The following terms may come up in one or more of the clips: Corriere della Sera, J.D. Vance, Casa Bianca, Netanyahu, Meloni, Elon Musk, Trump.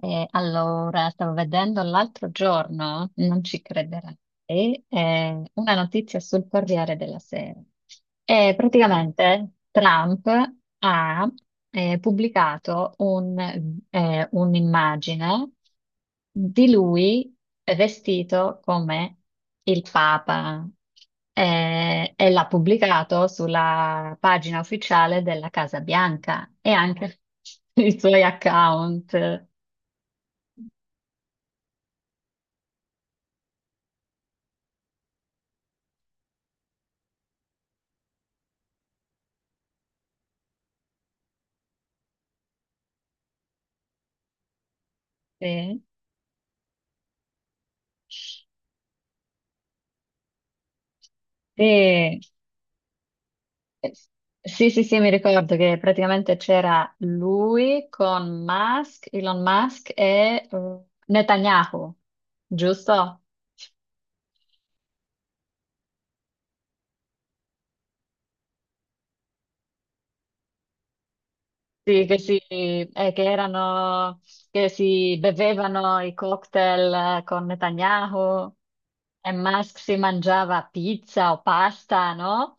Stavo vedendo l'altro giorno, non ci crederai, una notizia sul Corriere della Sera. E praticamente Trump ha pubblicato un'immagine di lui vestito come il Papa, e l'ha pubblicato sulla pagina ufficiale della Casa Bianca e anche sui suoi account. Sì. E- eh, Sì, sì, sì, mi ricordo che praticamente c'era lui con Musk, Elon Musk e Netanyahu, giusto? Sì, che, si, che erano, che si bevevano i cocktail con Netanyahu e Musk si mangiava pizza o pasta, no?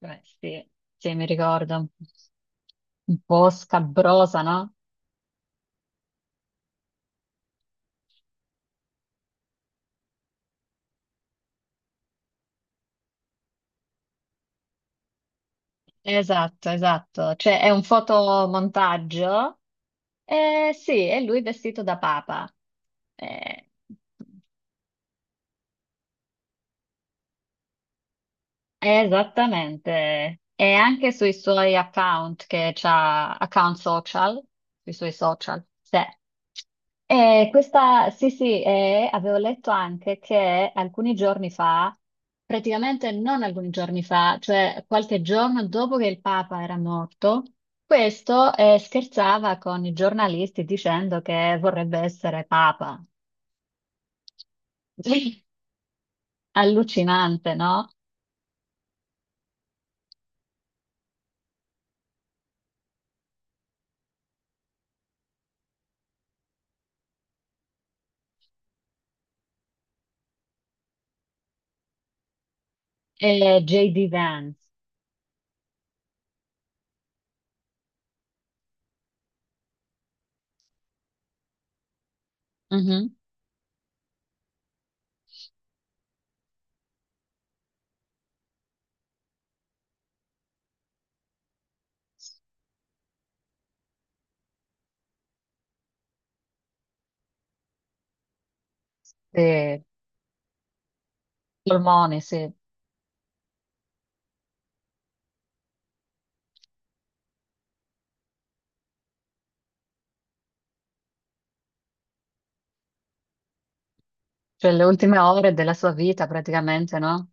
Beh, sì, sì, mi ricordo. Un po' scabrosa, no? Esatto, esatto. Cioè è un fotomontaggio. Sì, è lui vestito da papa. Eh, Esattamente. E anche sui suoi account che c'ha, account social, sui suoi social. Sì. E questa, sì, sì, e avevo letto anche che alcuni giorni fa, praticamente non alcuni giorni fa, cioè qualche giorno dopo che il Papa era morto, questo scherzava con i giornalisti dicendo che vorrebbe essere Papa. Allucinante, no? E J.D. Vance. Mhm. Sì. Polmoni, sì, cioè le ultime ore della sua vita praticamente, no?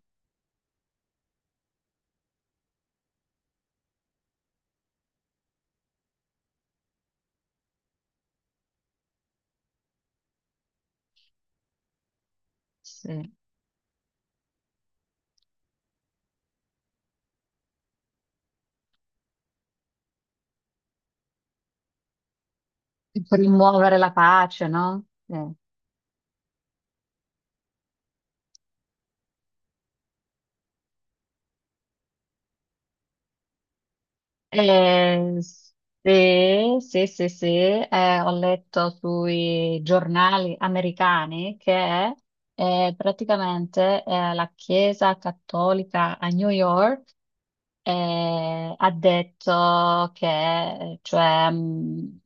Sì. Per rimuovere la pace, no? Sì. Sì, sì, sì, sì. Ho letto sui giornali americani che praticamente la Chiesa Cattolica a New York ha detto che, cioè,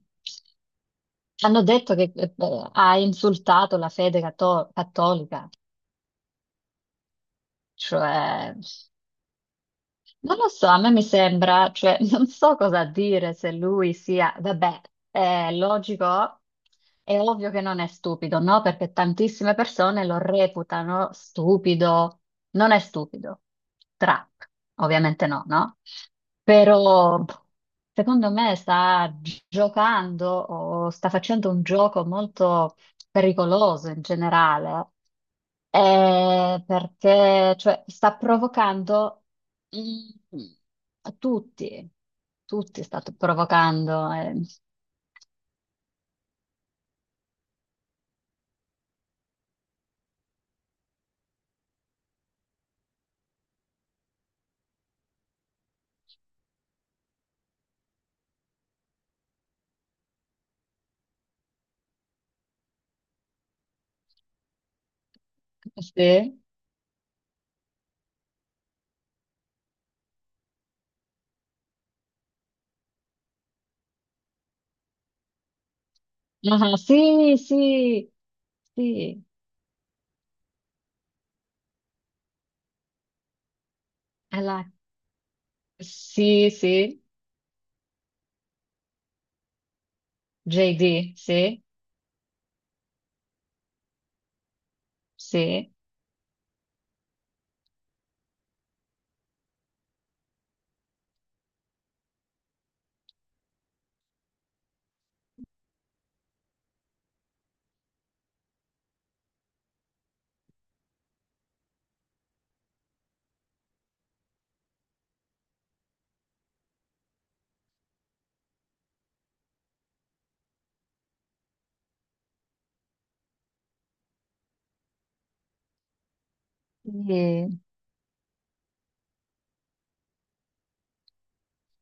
hanno detto che ha insultato la fede cattolica. Cioè, non lo so, a me mi sembra, cioè, non so cosa dire se lui sia, vabbè, è logico, è ovvio che non è stupido, no? Perché tantissime persone lo reputano stupido, non è stupido. Trump, ovviamente no, no? Però pff, secondo me giocando o sta facendo un gioco molto pericoloso in generale. Perché cioè, sta provocando i- a tutti, tutti sta provocando. Sì. Ah, sì, sì, sì, È la- sì, sì, JD, sì, sì. Sì.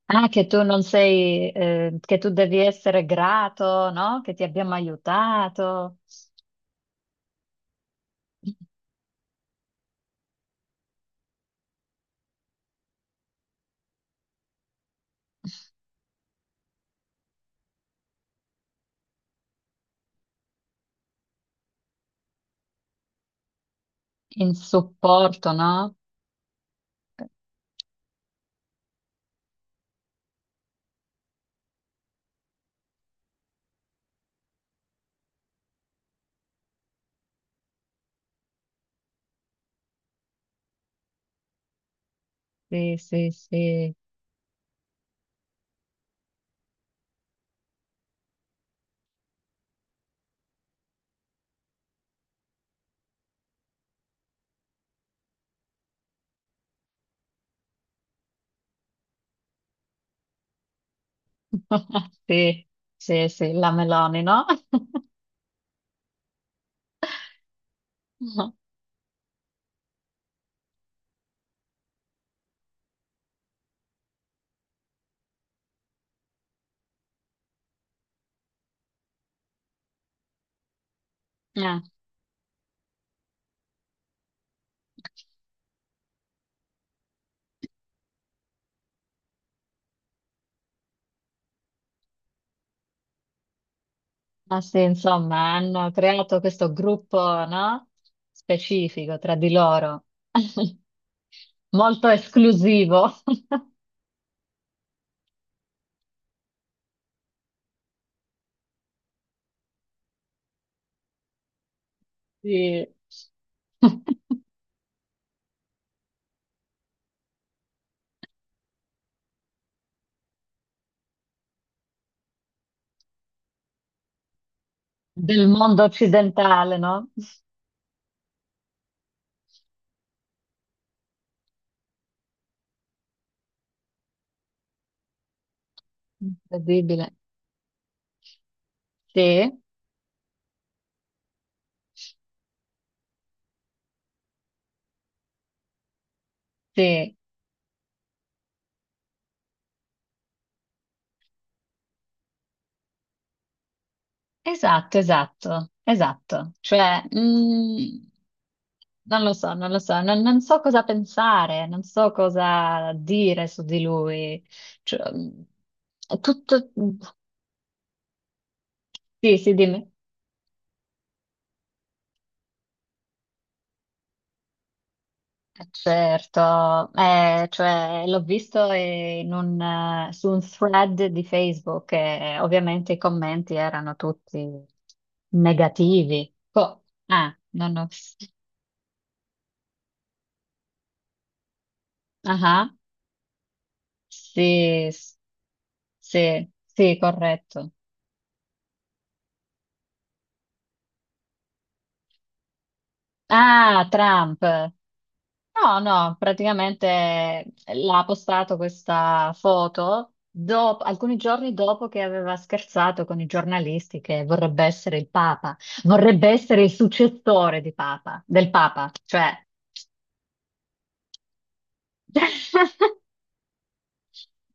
Ah, che tu non sei, che tu devi essere grato, no? Che ti abbiamo aiutato in supporto, no? Sì, sì, sì. Sì, sì, sì, la Meloni, no? Eh, ma sì, insomma, hanno creato questo gruppo, no? Specifico tra di loro, molto esclusivo, di- del mondo occidentale, no? Incredibile. Sì, sì, esatto, esatto, esatto. Cioè, non lo so, non lo so, non, non so cosa pensare, non so cosa dire su di lui. Cioè, è tutto... Sì, sì, dimmi. Certo, cioè, l'ho visto in un, su un thread di Facebook e ovviamente i commenti erano tutti negativi. Non ho... Ah, sì, sì, sì, corretto. Ah, Trump. No, no, praticamente l'ha postato questa foto alcuni giorni dopo che aveva scherzato con i giornalisti che vorrebbe essere il Papa, vorrebbe essere il successore di Papa, del Papa, cioè.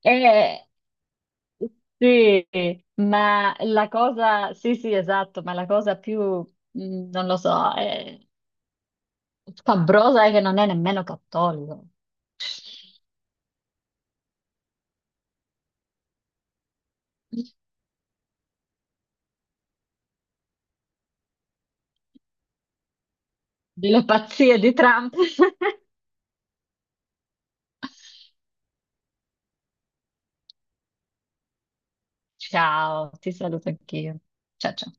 E- sì, ma la cosa, sì, sì, esatto, ma la cosa più, non lo so, è scabrosa è che non è nemmeno cattolico. Delle pazzie di Trump. Ciao, ti saluto anch'io. Ciao ciao.